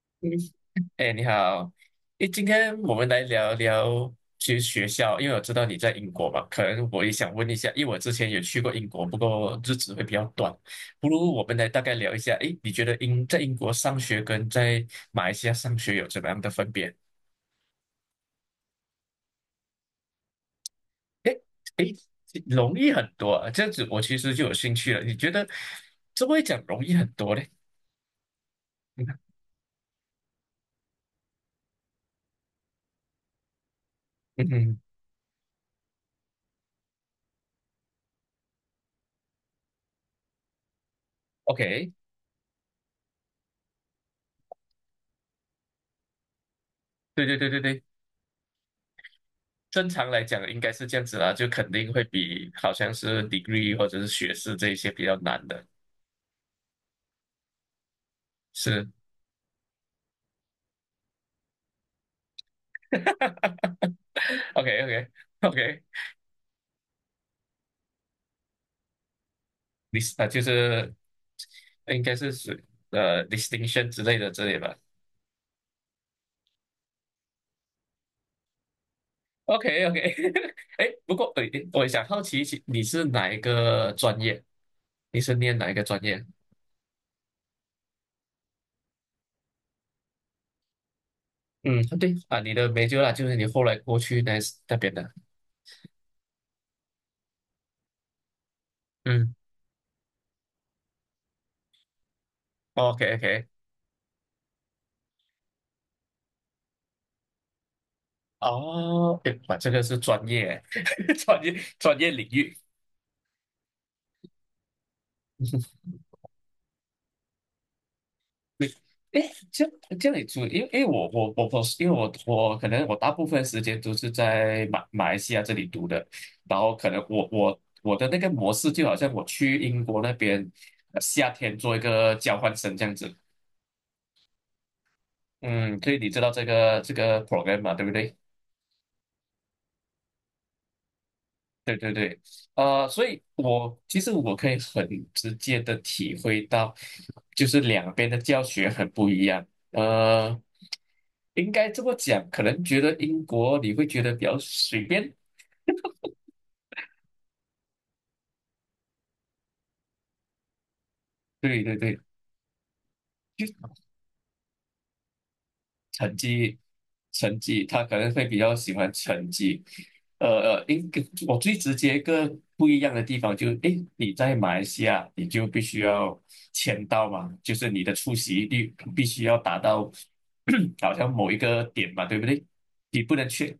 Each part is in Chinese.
嗯，哎，你好，哎，今天我们来聊聊去学校，因为我知道你在英国嘛，可能我也想问一下，因为我之前也去过英国，不过日子会比较短，不如我们来大概聊一下，哎，你觉得在英国上学跟在马来西亚上学有怎么样的分别？哎哎，容易很多啊，这样子我其实就有兴趣了，你觉得怎么会讲容易很多呢？嗯嗯哼，OK，对对对对对。正常来讲应该是这样子啦，就肯定会比好像是 degree 或者是学士这一些比较难的，是 OK OK OK，你 啊就是应该是属呃 distinction 之类吧。OK OK，哎，不过诶我想好奇一下，你是哪一个专业？你是念哪一个专业？嗯，对啊，你的 major 啦，就是你后来过去那边的。嗯，OK OK。哦，哎，哇，这个是专业，专业领域。对，哎，这样也注意，因为我，因为我可能我大部分时间都是在马来西亚这里读的，然后可能我的那个模式就好像我去英国那边夏天做一个交换生这样子。嗯，所以你知道这个 program 嘛，对不对？对对对，所以我其实可以很直接的体会到，就是两边的教学很不一样。呃，应该这么讲，可能觉得英国你会觉得比较随便，对对对，就。成绩，成绩，他可能会比较喜欢成绩。呃应该我最直接一个不一样的地方就是，诶，你在马来西亚，你就必须要签到嘛，就是你的出席率必须要达到 好像某一个点嘛，对不对？你不能缺，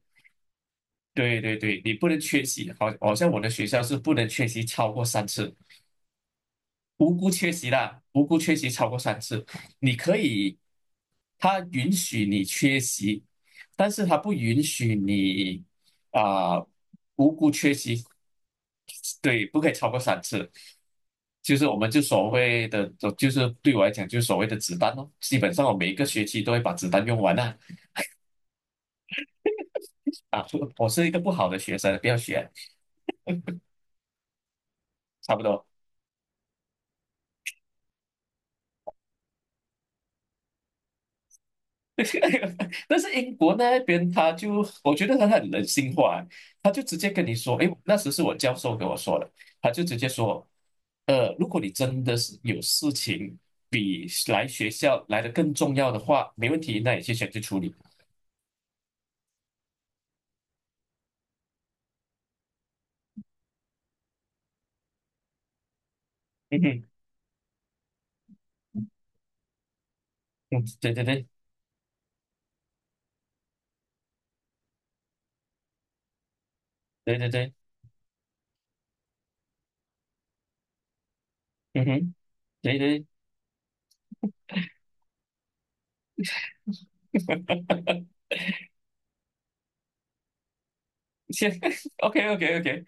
对对对，你不能缺席，好，好像我的学校是不能缺席超过三次。无辜缺席啦，无辜缺席超过三次，你可以，他允许你缺席，但是他不允许你啊、无辜缺席，对，不可以超过三次，就是我们就所谓的，就是对我来讲就是所谓的子弹咯，基本上我每一个学期都会把子弹用完啦、啊我是一个不好的学生，不要学，差不多。但是英国那边他就，我觉得他很人性化，他就直接跟你说，诶，那时是我教授跟我说的，他就直接说，如果你真的是有事情比来学校来的更重要的话，没问题，那你去选去处理。嗯哼，嗯，对对对对对对，嗯哼，对对，先 OK OK OK，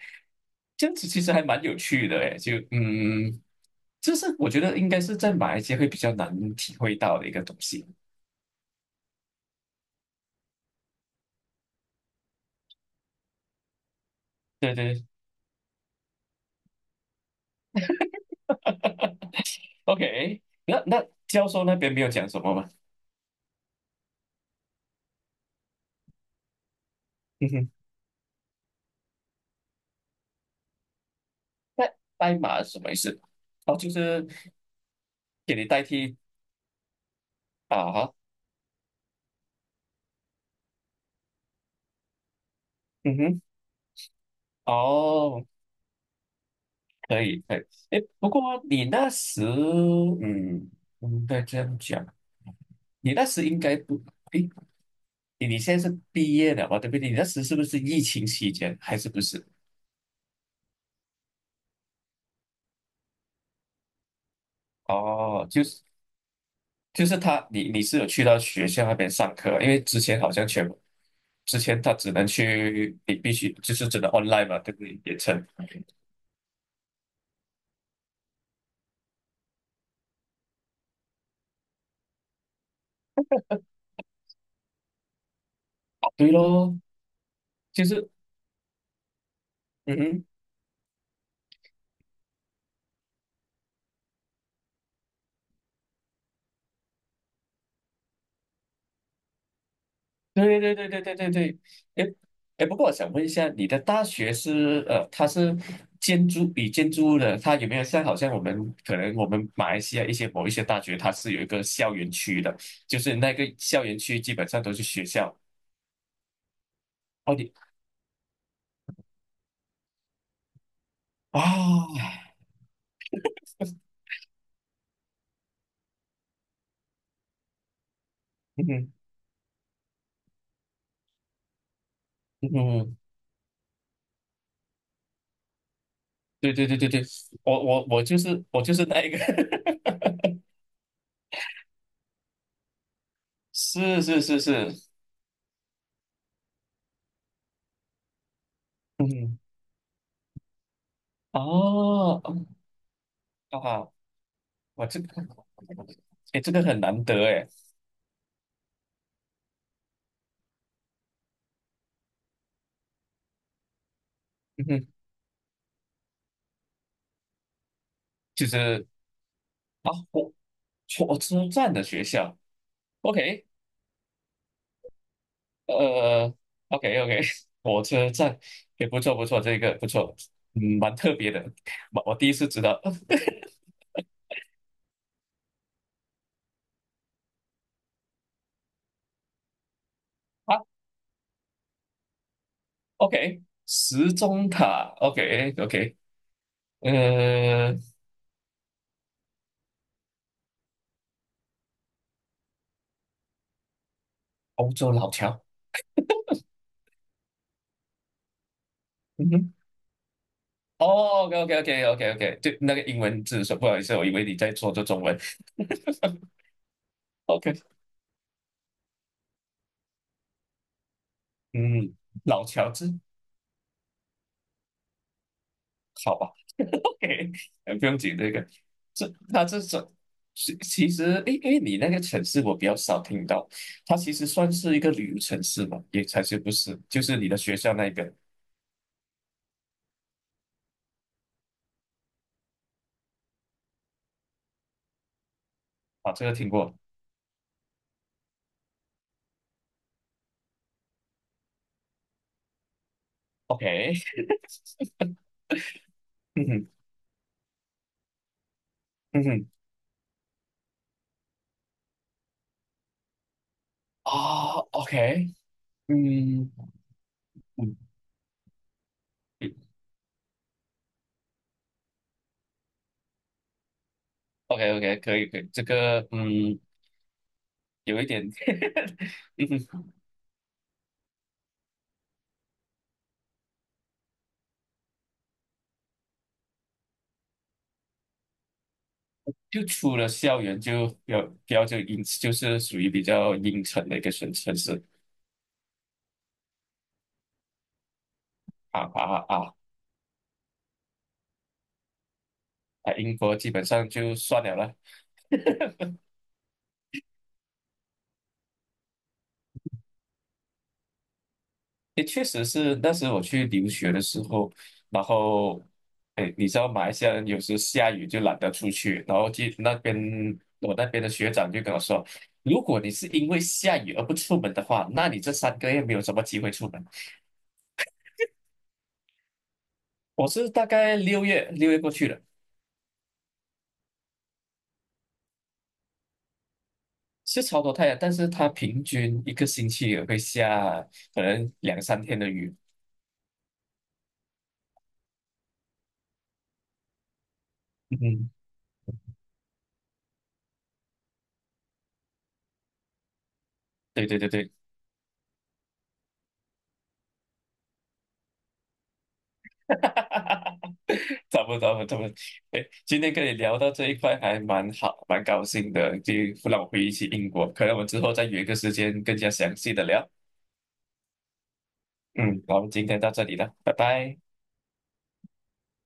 这样子其实还蛮有趣的诶，就是我觉得应该是在马来西亚会比较难体会到的一个东西。对对 OK，那教授那边没有讲什么吗？嗯哼，那代码是什么意思？哦，就是给你代替啊哈，嗯哼，哦，可以可以。诶，不过你那时，嗯，不应该这样讲，你那时应该不，诶，你现在是毕业了嘛，对不对？你那时是不是疫情期间还是不是？哦，就是他，你是有去到学校那边上课啊，因为之前好像全部，之前他只能去，你必须就是真的 online 嘛，对不对？远程，哦对咯，就是，嗯哼，对对对对对对对，哎哎，不过我想问一下，你的大学它是建筑以建筑物的，它有没有好像我们马来西亚某一些大学，它是有一个校园区的，就是那个校园区基本上都是学校。哦，你啊，嗯哼嗯哼对对对对对，我就是那一个，是是是是，嗯，哦嗯啊，我这个，哎，这个很难得哎，嗯哼，就是啊，火车站的学校，OK，呃，OK OK，火车站也不错不错，这个不错，嗯，蛮特别的，我第一次知道 啊，OK，时钟塔，OK OK，呃，欧洲老桥。嗯哼。哦，OK，OK，OK，OK，OK，对，那个英文字说不好意思，我以为你在说这中文。OK，嗯，老乔治，好吧 ，OK，哎不用紧这个，这种其实，诶，因为你那个城市我比较少听到，它其实算是一个旅游城市嘛，也才是不是，就是你的学校那一个啊，这个听过，OK，嗯哼，嗯哼，啊，OK，嗯嗯嗯，OK，OK，可以，可以，这个，嗯。有一点，嗯，就出了校园就比较就阴，就是属于比较阴沉的一个城市啊啊啊啊！啊英国基本上就算了啦。也确实是那时我去留学的时候，然后，哎，你知道马来西亚人有时下雨就懒得出去，然后就那边我那边的学长就跟我说，如果你是因为下雨而不出门的话，那你这3个月没有什么机会出门。我是大概六月过去的。是超多太阳，但是它平均一个星期也会下可能两三天的雨。嗯，对对对对，哈哈哈！差不多差不多。哎，今天跟你聊到这一块还蛮好，蛮高兴的，就让我回忆起英国。可能我们之后再约一个时间更加详细的聊。嗯，好，今天到这里了，拜拜。